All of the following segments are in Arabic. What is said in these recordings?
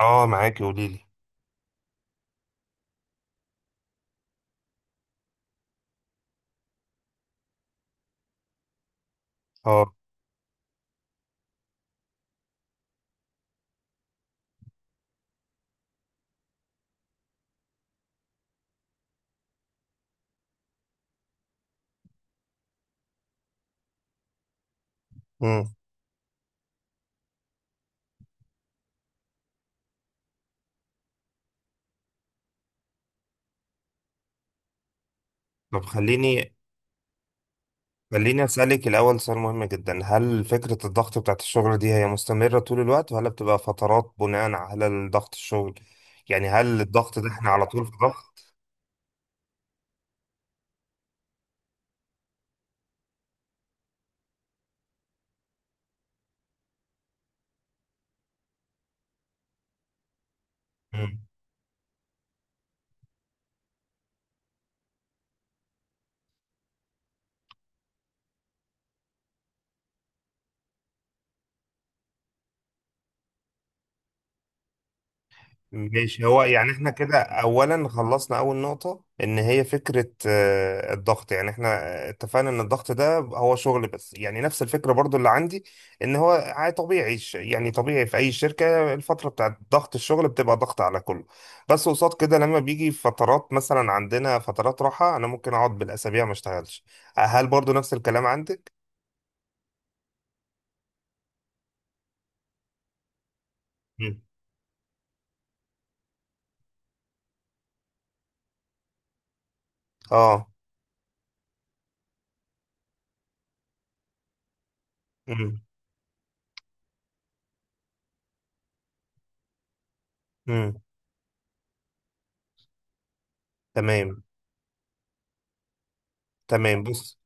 اه، معاكي، قولي لي. اه. امم. طب خليني اسالك الاول سؤال مهم جدا، هل فكره الضغط بتاعت الشغل دي هي مستمره طول الوقت ولا بتبقى فترات بناء على ضغط الشغل؟ يعني هل الضغط ده احنا على طول في ضغط؟ إمم. ماشي، هو يعني احنا كده اولا خلصنا اول نقطة ان هي فكرة الضغط، يعني احنا اتفقنا ان الضغط ده هو شغل، بس يعني نفس الفكرة برضو اللي عندي، ان هو عادي طبيعي، يعني طبيعي في اي شركة الفترة بتاعت ضغط الشغل بتبقى ضغط على كله. بس قصاد كده لما بيجي فترات، مثلا عندنا فترات راحة انا ممكن اقعد بالاسابيع ما اشتغلش. هل برضو نفس الكلام عندك؟ مم. اه. مم. مم. تمام. تمام، بص،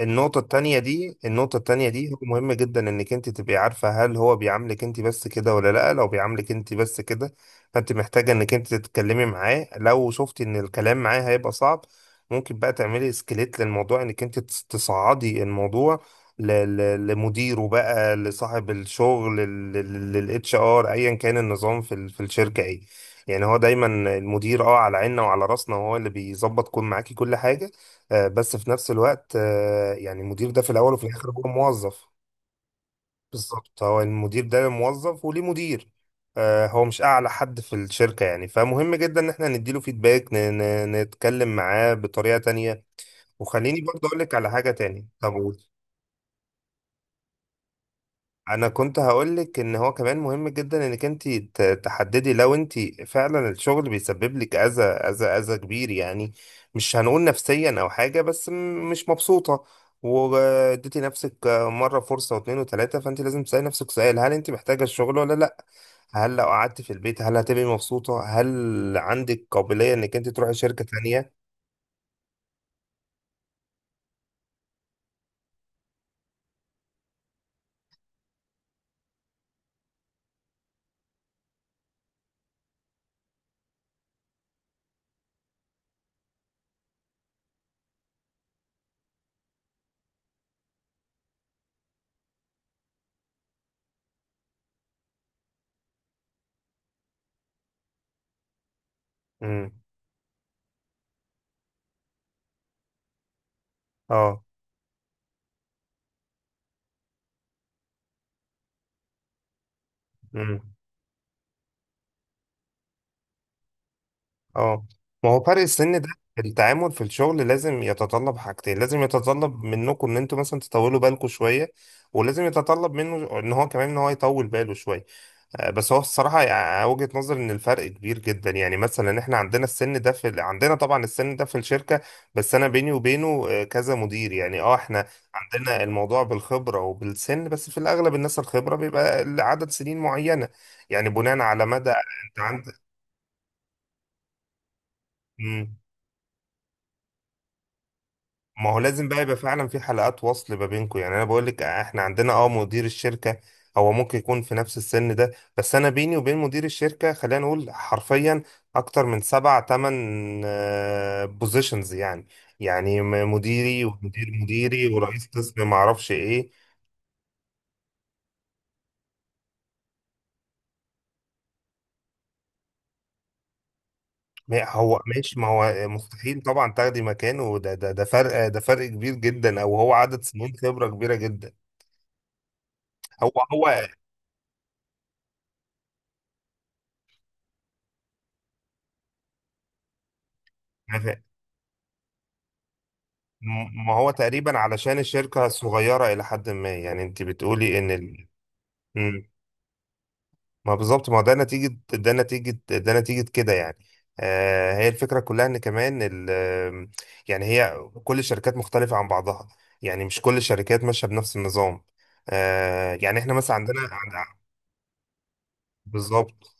النقطة التانية دي، النقطة التانية دي هو مهم جدا انك انت تبقي عارفة هل هو بيعاملك انت بس كده ولا لا. لو بيعاملك انت بس كده، فانت محتاجة انك انت تتكلمي معاه. لو شفتي ان الكلام معاه هيبقى صعب، ممكن بقى تعملي اسكليت للموضوع، انك انت تصعدي الموضوع ل- لمديره، بقى لصاحب الشغل، للاتش ار، ايا كان النظام في في الشركة ايه. يعني هو دايما المدير اه على عيننا وعلى راسنا، وهو اللي بيظبط كل معاكي كل حاجة، بس في نفس الوقت، يعني المدير ده في الاول وفي الاخر هو موظف. بالظبط، هو المدير ده موظف وليه مدير. هو مش اعلى حد في الشركه يعني، فمهم جدا ان احنا نديله فيدباك، نتكلم معاه بطريقه تانية. وخليني برضه اقول لك على حاجه تانية. طب انا كنت هقولك ان هو كمان مهم جدا انك انت تحددي لو انت فعلا الشغل بيسبب لك اذى، اذى كبير يعني، مش هنقول نفسيا او حاجه، بس مش مبسوطه، واديتي نفسك مره فرصه واثنين وثلاثه، فانت لازم تسالي نفسك سؤال، هل انت محتاجه الشغل ولا لا؟ هل لو قعدت في البيت هل هتبقي مبسوطه؟ هل عندك قابليه انك انت تروحي شركه تانية؟ امم. اه. اه، ما هو فرق السن ده، التعامل في الشغل لازم يتطلب حاجتين، لازم يتطلب منكم ان انتوا مثلا تطولوا بالكم شويه، ولازم يتطلب منه ان هو كمان ان هو يطول باله شويه. بس هو الصراحه وجهه نظري ان الفرق كبير جدا، يعني مثلا احنا عندنا السن ده في عندنا طبعا السن ده في الشركه، بس انا بيني وبينه كذا مدير يعني، اه احنا عندنا الموضوع بالخبره وبالسن، بس في الاغلب الناس الخبره بيبقى عدد سنين معينه، يعني بناء على مدى انت عندك. ما هو لازم بقى يبقى فعلا في حلقات وصل ما بينكم. يعني انا بقول لك احنا عندنا اه مدير الشركه، هو ممكن يكون في نفس السن ده، بس انا بيني وبين مدير الشركه، خلينا نقول حرفيا، اكتر من سبع تمن بوزيشنز يعني، يعني مديري، ومدير مديري، ورئيس قسم، ما اعرفش ايه. ما هو ماشي، ما هو مستحيل طبعا تاخدي مكانه، ده فرق، ده فرق كبير جدا، او هو عدد سنين خبره كبيره جدا. هو ما هو تقريبا علشان الشركة صغيرة إلى حد ما، يعني أنت بتقولي إن ال... مم. ما بالظبط، ما هو ده نتيجة، ده نتيجة كده يعني. آه، هي الفكرة كلها إن كمان ال... يعني هي، كل الشركات مختلفة عن بعضها، يعني مش كل الشركات ماشية بنفس النظام. آه يعني إحنا مثلا عندنا عند... بالظبط.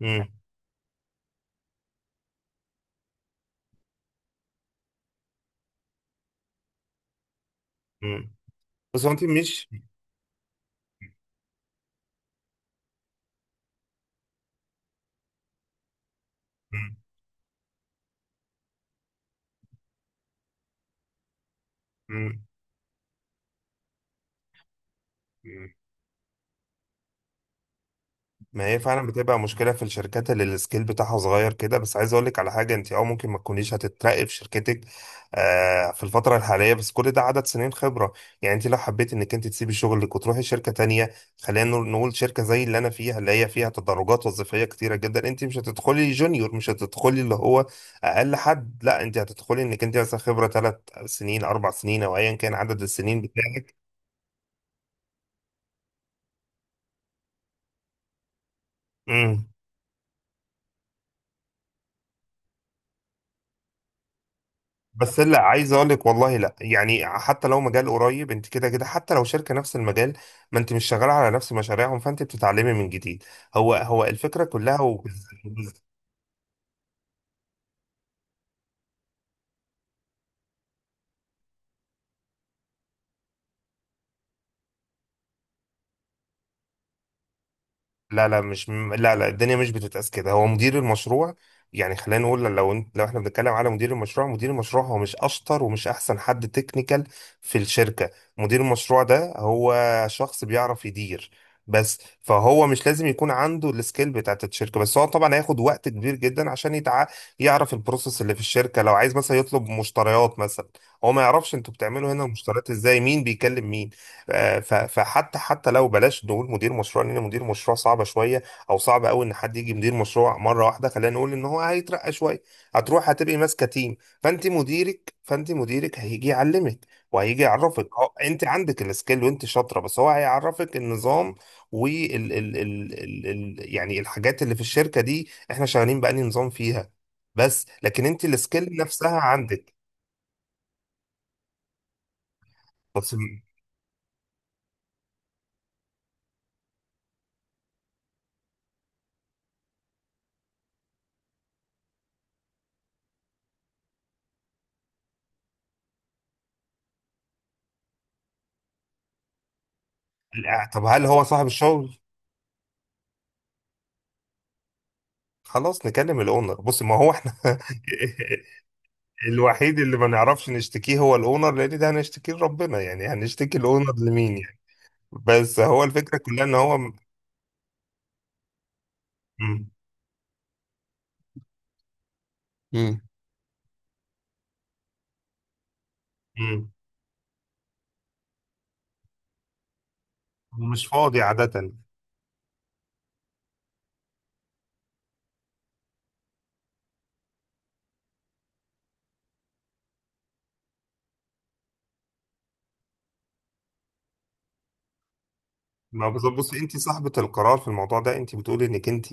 مم. مم. بس هو أنت مش... مم. مم. ما هي فعلا بتبقى مشكلة في الشركات اللي السكيل بتاعها صغير كده، بس عايز اقول لك على حاجة، انت او ممكن ما تكونيش هتترقي في شركتك في الفترة الحالية، بس كل ده عدد سنين خبرة، يعني انت لو حبيت انك انت تسيبي شغلك وتروحي شركة تانية، خلينا نقول شركة زي اللي انا فيها، اللي هي فيها تدرجات وظيفية كتيرة جدا، انت مش هتدخلي جونيور، مش هتدخلي اللي هو اقل حد، لا انت هتدخلي انك انت مثلا خبرة ثلاث سنين، اربع سنين، او ايا كان عدد السنين بتاعك. بس لا، عايز اقول لك، والله لا، يعني حتى لو مجال قريب، انت كده كده حتى لو شركه نفس المجال، ما انت مش شغاله على نفس مشاريعهم، فانت بتتعلمي من جديد. هو الفكره كلها، وبالذات لا، الدنيا مش بتتقاس كده. هو مدير المشروع، يعني خلينا نقول، لو انت لو احنا بنتكلم على مدير المشروع، مدير المشروع هو مش اشطر ومش احسن حد تكنيكال في الشركة، مدير المشروع ده هو شخص بيعرف يدير بس، فهو مش لازم يكون عنده السكيل بتاعت الشركة، بس هو طبعا هياخد وقت كبير جدا عشان يعرف البروسيس اللي في الشركة، لو عايز مثلا يطلب مشتريات مثلا، هو ما يعرفش انتوا بتعملوا هنا المشتريات ازاي، مين بيكلم مين. فحتى، حتى لو بلاش نقول مدير مشروع، لان مدير مشروع صعبه شويه، او صعب قوي ان حد يجي مدير مشروع مره واحده، خلينا نقول ان هو هيترقى شويه، هتروح هتبقي ماسكه تيم، فانت مديرك هيجي يعلمك، وهيجي يعرفك، هو انت عندك السكيل وانت شاطره، بس هو هيعرفك النظام وال ال ال ال ال يعني الحاجات اللي في الشركه دي احنا شغالين بأني نظام فيها، بس لكن انت السكيل نفسها عندك. بس ال- طب هل هو صاحب الشغل؟ خلاص نكلم الاونر. بص ما هو احنا الوحيد اللي ما نعرفش نشتكيه هو الاونر، لان ده هنشتكيه لربنا، يعني هنشتكي الاونر لمين يعني. بس هو الفكرة كلها ان هو م- م- مش فاضي عادة. ما بالظبط، بصي انت صاحبة القرار في الموضوع ده، انت بتقولي انك انت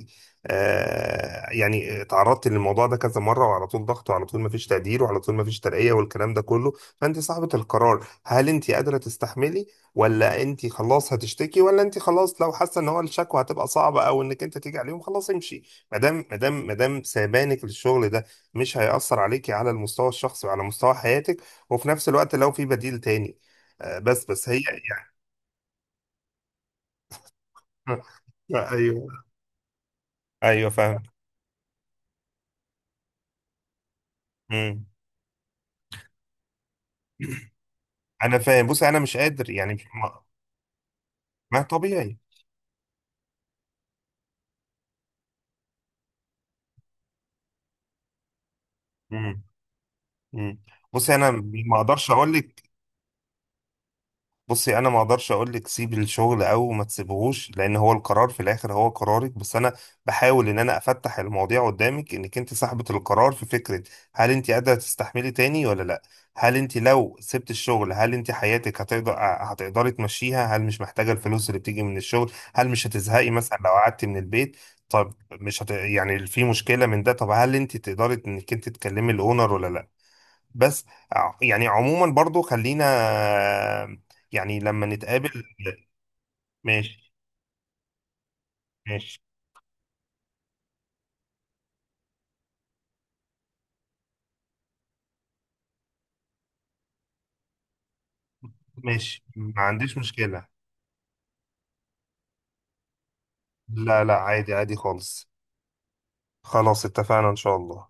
آه يعني اتعرضتي للموضوع ده كذا مرة، وعلى طول ضغط، وعلى طول ما فيش تقدير، وعلى طول ما فيش ترقية، والكلام ده كله، فانت صاحبة القرار، هل انت قادرة تستحملي ولا انت خلاص هتشتكي، ولا انت خلاص لو حاسة ان هو الشكوى هتبقى صعبة او انك انت تيجي عليهم، خلاص امشي. ما دام سابانك للشغل ده مش هيأثر عليكي على المستوى الشخصي وعلى مستوى حياتك، وفي نفس الوقت لو في بديل تاني. آه، بس هي يعني ايوه. ايوه فاهم. امم. انا فاهم، بص انا مش قادر يعني، مش ما, ما طبيعي. امم. امم. بص انا ما اقدرش اقول لك، بصي انا ما اقدرش اقول لك سيبي الشغل او ما تسيبهوش، لان هو القرار في الاخر هو قرارك، بس انا بحاول ان انا افتح المواضيع قدامك، انك انت صاحبة القرار في فكرة، هل انت قادرة تستحملي تاني ولا لا؟ هل انت لو سبت الشغل هل انت حياتك هتقدر، هتقدري تمشيها؟ هل مش محتاجة الفلوس اللي بتيجي من الشغل؟ هل مش هتزهقي مثلا لو قعدتي من البيت؟ طب مش يعني في مشكلة من ده؟ طب هل انت تقدري انك انت تكلمي الاونر ولا لا؟ بس يعني عموما برضو خلينا يعني لما نتقابل. ماشي ماشي ماشي، ما عنديش مشكلة. لا لا، عادي، عادي خالص. خلاص اتفقنا، إن شاء الله.